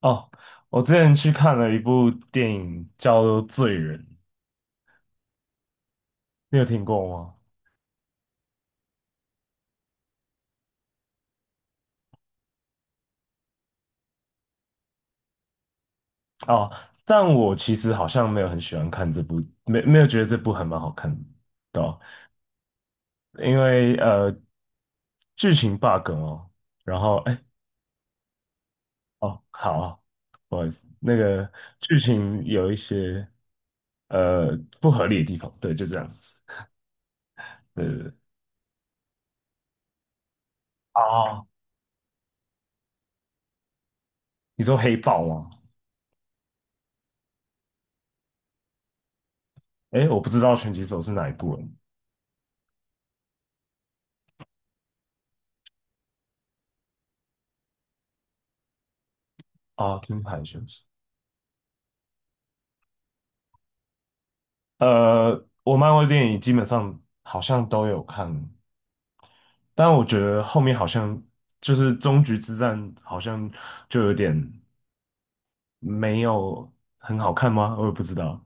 哦，我之前去看了一部电影叫做《罪人》，你有听过吗？哦，但我其实好像没有很喜欢看这部，没有觉得这部还蛮好看的哦，对啊因为剧情 bug 哦，然后哎哦好啊，不好意思，那个剧情有一些不合理的地方，对，就这样，对对对。啊，你说黑豹吗？哎，我不知道拳击手是哪一部人啊，金牌选手。我漫威电影基本上好像都有看，但我觉得后面好像就是终局之战，好像就有点没有很好看吗？我也不知道。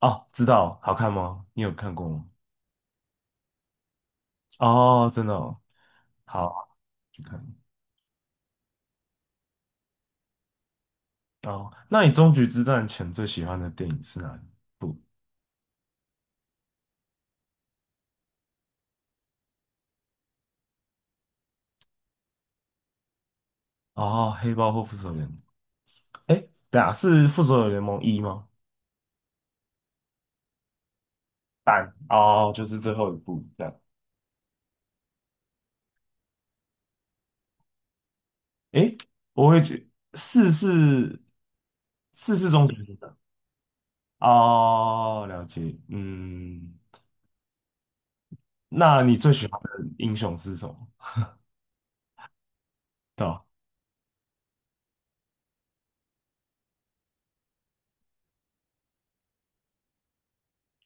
哦，知道，好看吗？你有看过吗？哦，真的哦，好，去看。哦，那你终局之战前最喜欢的电影是哪一部？哦，黑豹或复仇者联盟？哎，等下是复仇者联盟一吗？蛋哦，就是最后一部这样。诶，我会觉四是中学生的。哦，了解，嗯，那你最喜欢的英雄是什么？对吧。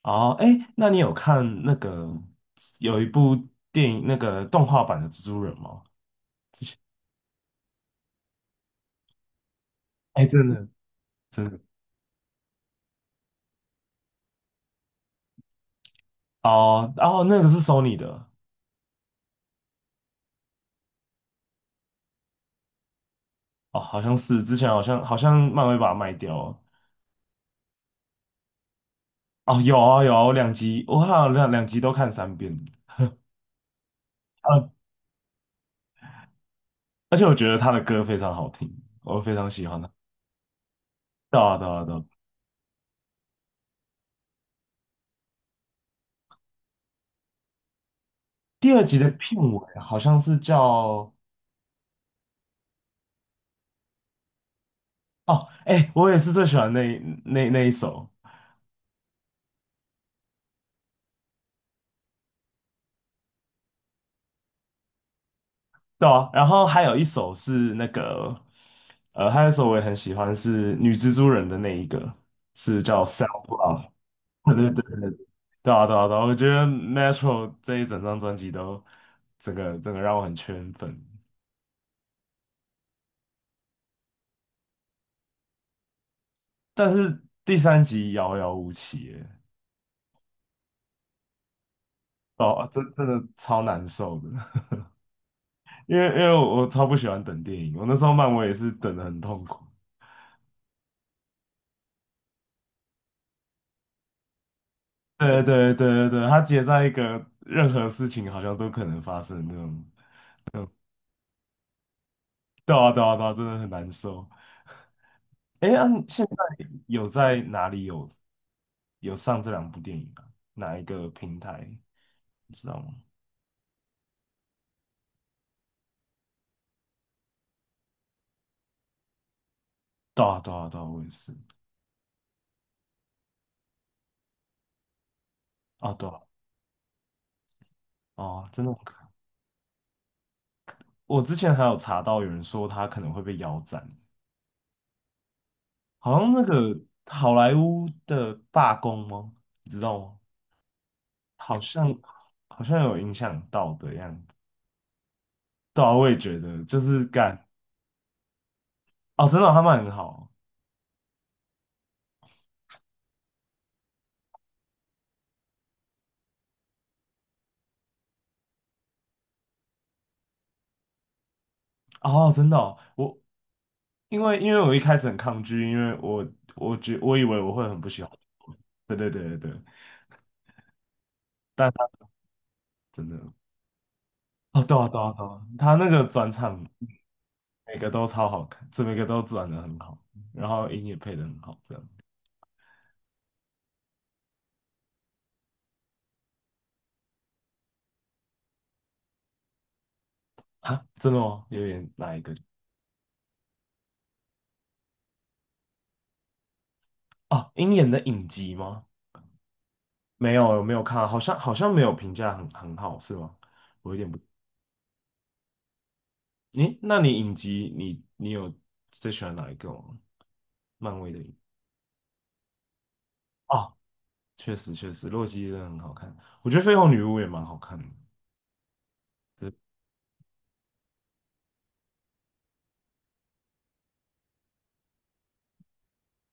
哦，诶，那你有看那个有一部电影那个动画版的蜘蛛人吗？哎，真的，真的哦，然后那个是 Sony 的。哦，好像是之前好像漫威把它卖掉了。哦，有啊有啊，我两集我好像两集都看三遍，呃，而且我觉得他的歌非常好听，我非常喜欢。他。到到到，第二集的片尾好像是叫。哦，哎，我也是最喜欢那那一首，对啊，然后还有一首是那个，还有一首我也很喜欢是女蜘蛛人的那一个，是叫 Self Love，对 对对对对，对啊对啊对啊我觉得 m e t r o 这一整张专辑都整个让我很圈粉，但是第三集遥遥无期耶，哦，真的超难受的，因为我超不喜欢等电影，我那时候漫威也是等的很痛苦。对对对对对，它结在一个任何事情好像都可能发生的那种。对啊对啊对啊，真的很难受。哎，啊，你现在有在哪里有上这两部电影啊？哪一个平台？你知道吗？对啊对啊对啊，我也是。啊对啊，哦，真的很可爱。我之前还有查到有人说他可能会被腰斩，好像那个好莱坞的罢工吗？你知道吗？好像好像有影响到的样子。对啊，我也觉得，就是干。哦，真的哦他们很好。哦，真的哦我因为我一开始很抗拒，因为我我以为我会很不喜欢，对对对对对，但他真的。哦，对啊对啊对啊，他那个转场每个都超好看，这每个都转的很好，然后音也配的很好，这样。啊，真的吗？有点哪一个。哦，鹰眼的影集吗？没有，我没有看啊，好像没有评价很好，是吗？有点不，诶，那你影集你有最喜欢哪一个吗？漫威的影。哦，确实确实，洛基真的很好看，我觉得绯红女巫也蛮好看的。对。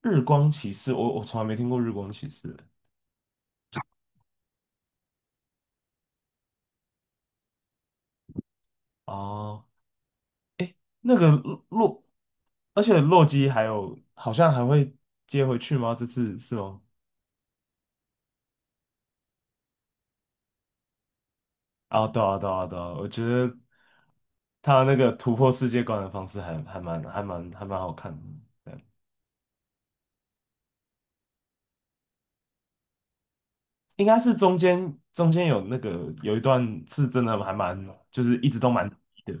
日光骑士，我从来没听过日光骑士欸。哦，那个洛，而且洛基还有好像还会接回去吗？这次是吗？啊，对啊，对啊，对啊，我觉得他那个突破世界观的方式还蛮好看的。应该是中间有那个有一段是真的还蛮，就是一直都蛮低的。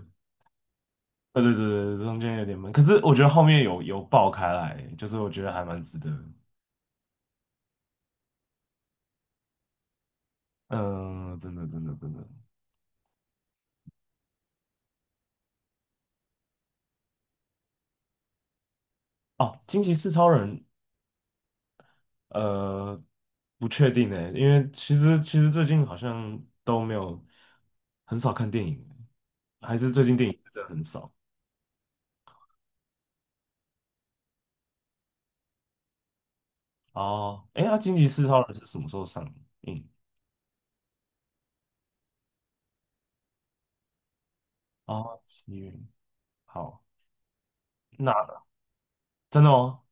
对对对对，中间有点闷，可是我觉得后面有爆开来，就是我觉得还蛮值得。嗯，真的真的真的。哦，惊奇四超人，呃，不确定呢，因为其实最近好像都没有很少看电影欸，还是最近电影是真的很少。哦，哎，那惊奇四超人是什么时候上映？哦，七月，好，那真的哦。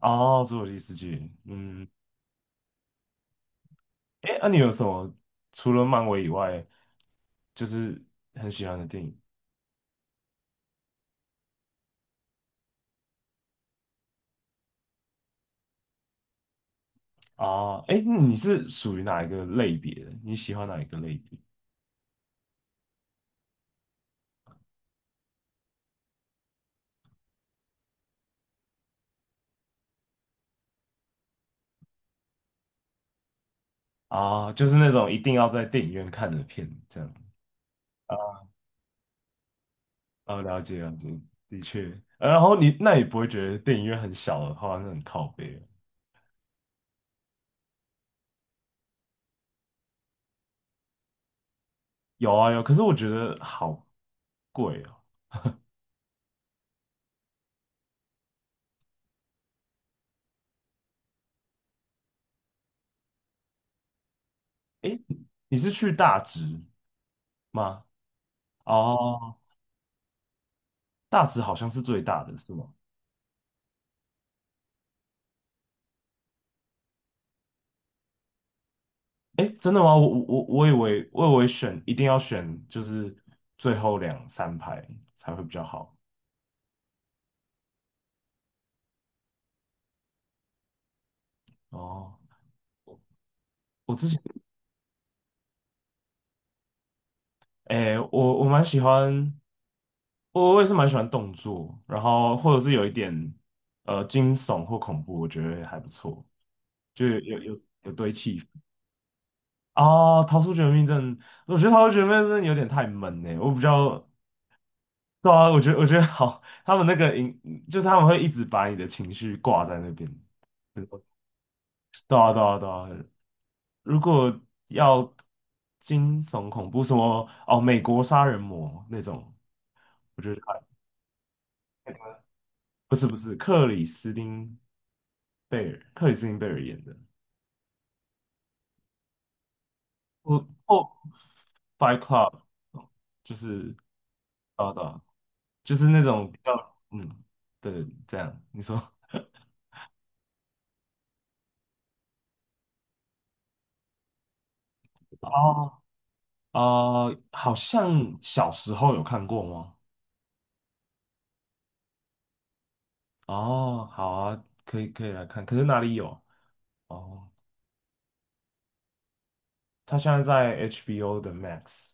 哦，侏罗纪世界，嗯，哎，那、你有什么除了漫威以外，就是很喜欢的电影啊？哎、你是属于哪一个类别的？你喜欢哪一个类别啊？就是那种一定要在电影院看的片，这样。啊？哦，了解了解，的确。然后你那也不会觉得电影院很小的话，那很靠背了。有啊有，可是我觉得好贵哦。哎，你是去大直吗？哦，大直好像是最大的，是吗？哎，真的吗？我以为选一定要选就是最后两三排才会比较好。哦。我之前哎，我蛮喜欢，我也是蛮喜欢动作，然后或者是有一点惊悚或恐怖，我觉得还不错，就有堆气氛。哦。逃出绝命镇，我觉得逃出绝命镇有点太闷呢，我比较。对啊，我觉得好，他们那个影就是他们会一直把你的情绪挂在那边。对啊，对啊，对啊。如果要惊悚恐怖，什么哦，美国杀人魔那种，我觉得还不是不是克里斯汀贝尔，克里斯汀贝尔演的，我哦，Fight Club，就是。啊对啊，就是那种比较嗯，对，这样你说。哦好像小时候有看过吗？哦，好啊，可以可以来看，可是哪里有？哦。他现在在 HBO 的 Max。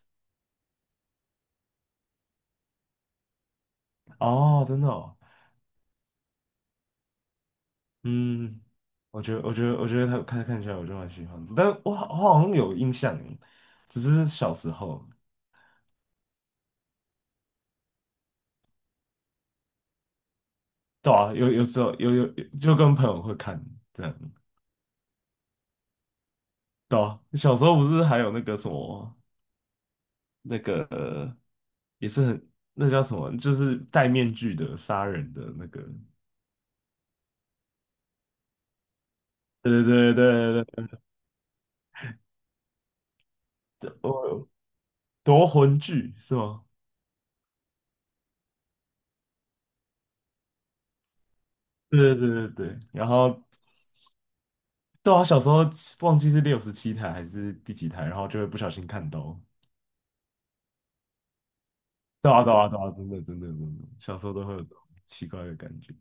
哦，真的哦，嗯，我觉得他看看起来我就蛮喜欢的，但我好像有印象耶，只是小时候，对啊，有时候就跟朋友会看这样，对啊，小时候不是还有那个什么那个也是很那叫什么，就是戴面具的杀人的那个，对对对对对对，我夺魂锯是吗？对对对对对，然后对啊，小时候忘记是67台还是第几台，然后就会不小心看到。对啊，对啊，对啊，真的，真的，真的，小时候都会有这种奇怪的感觉。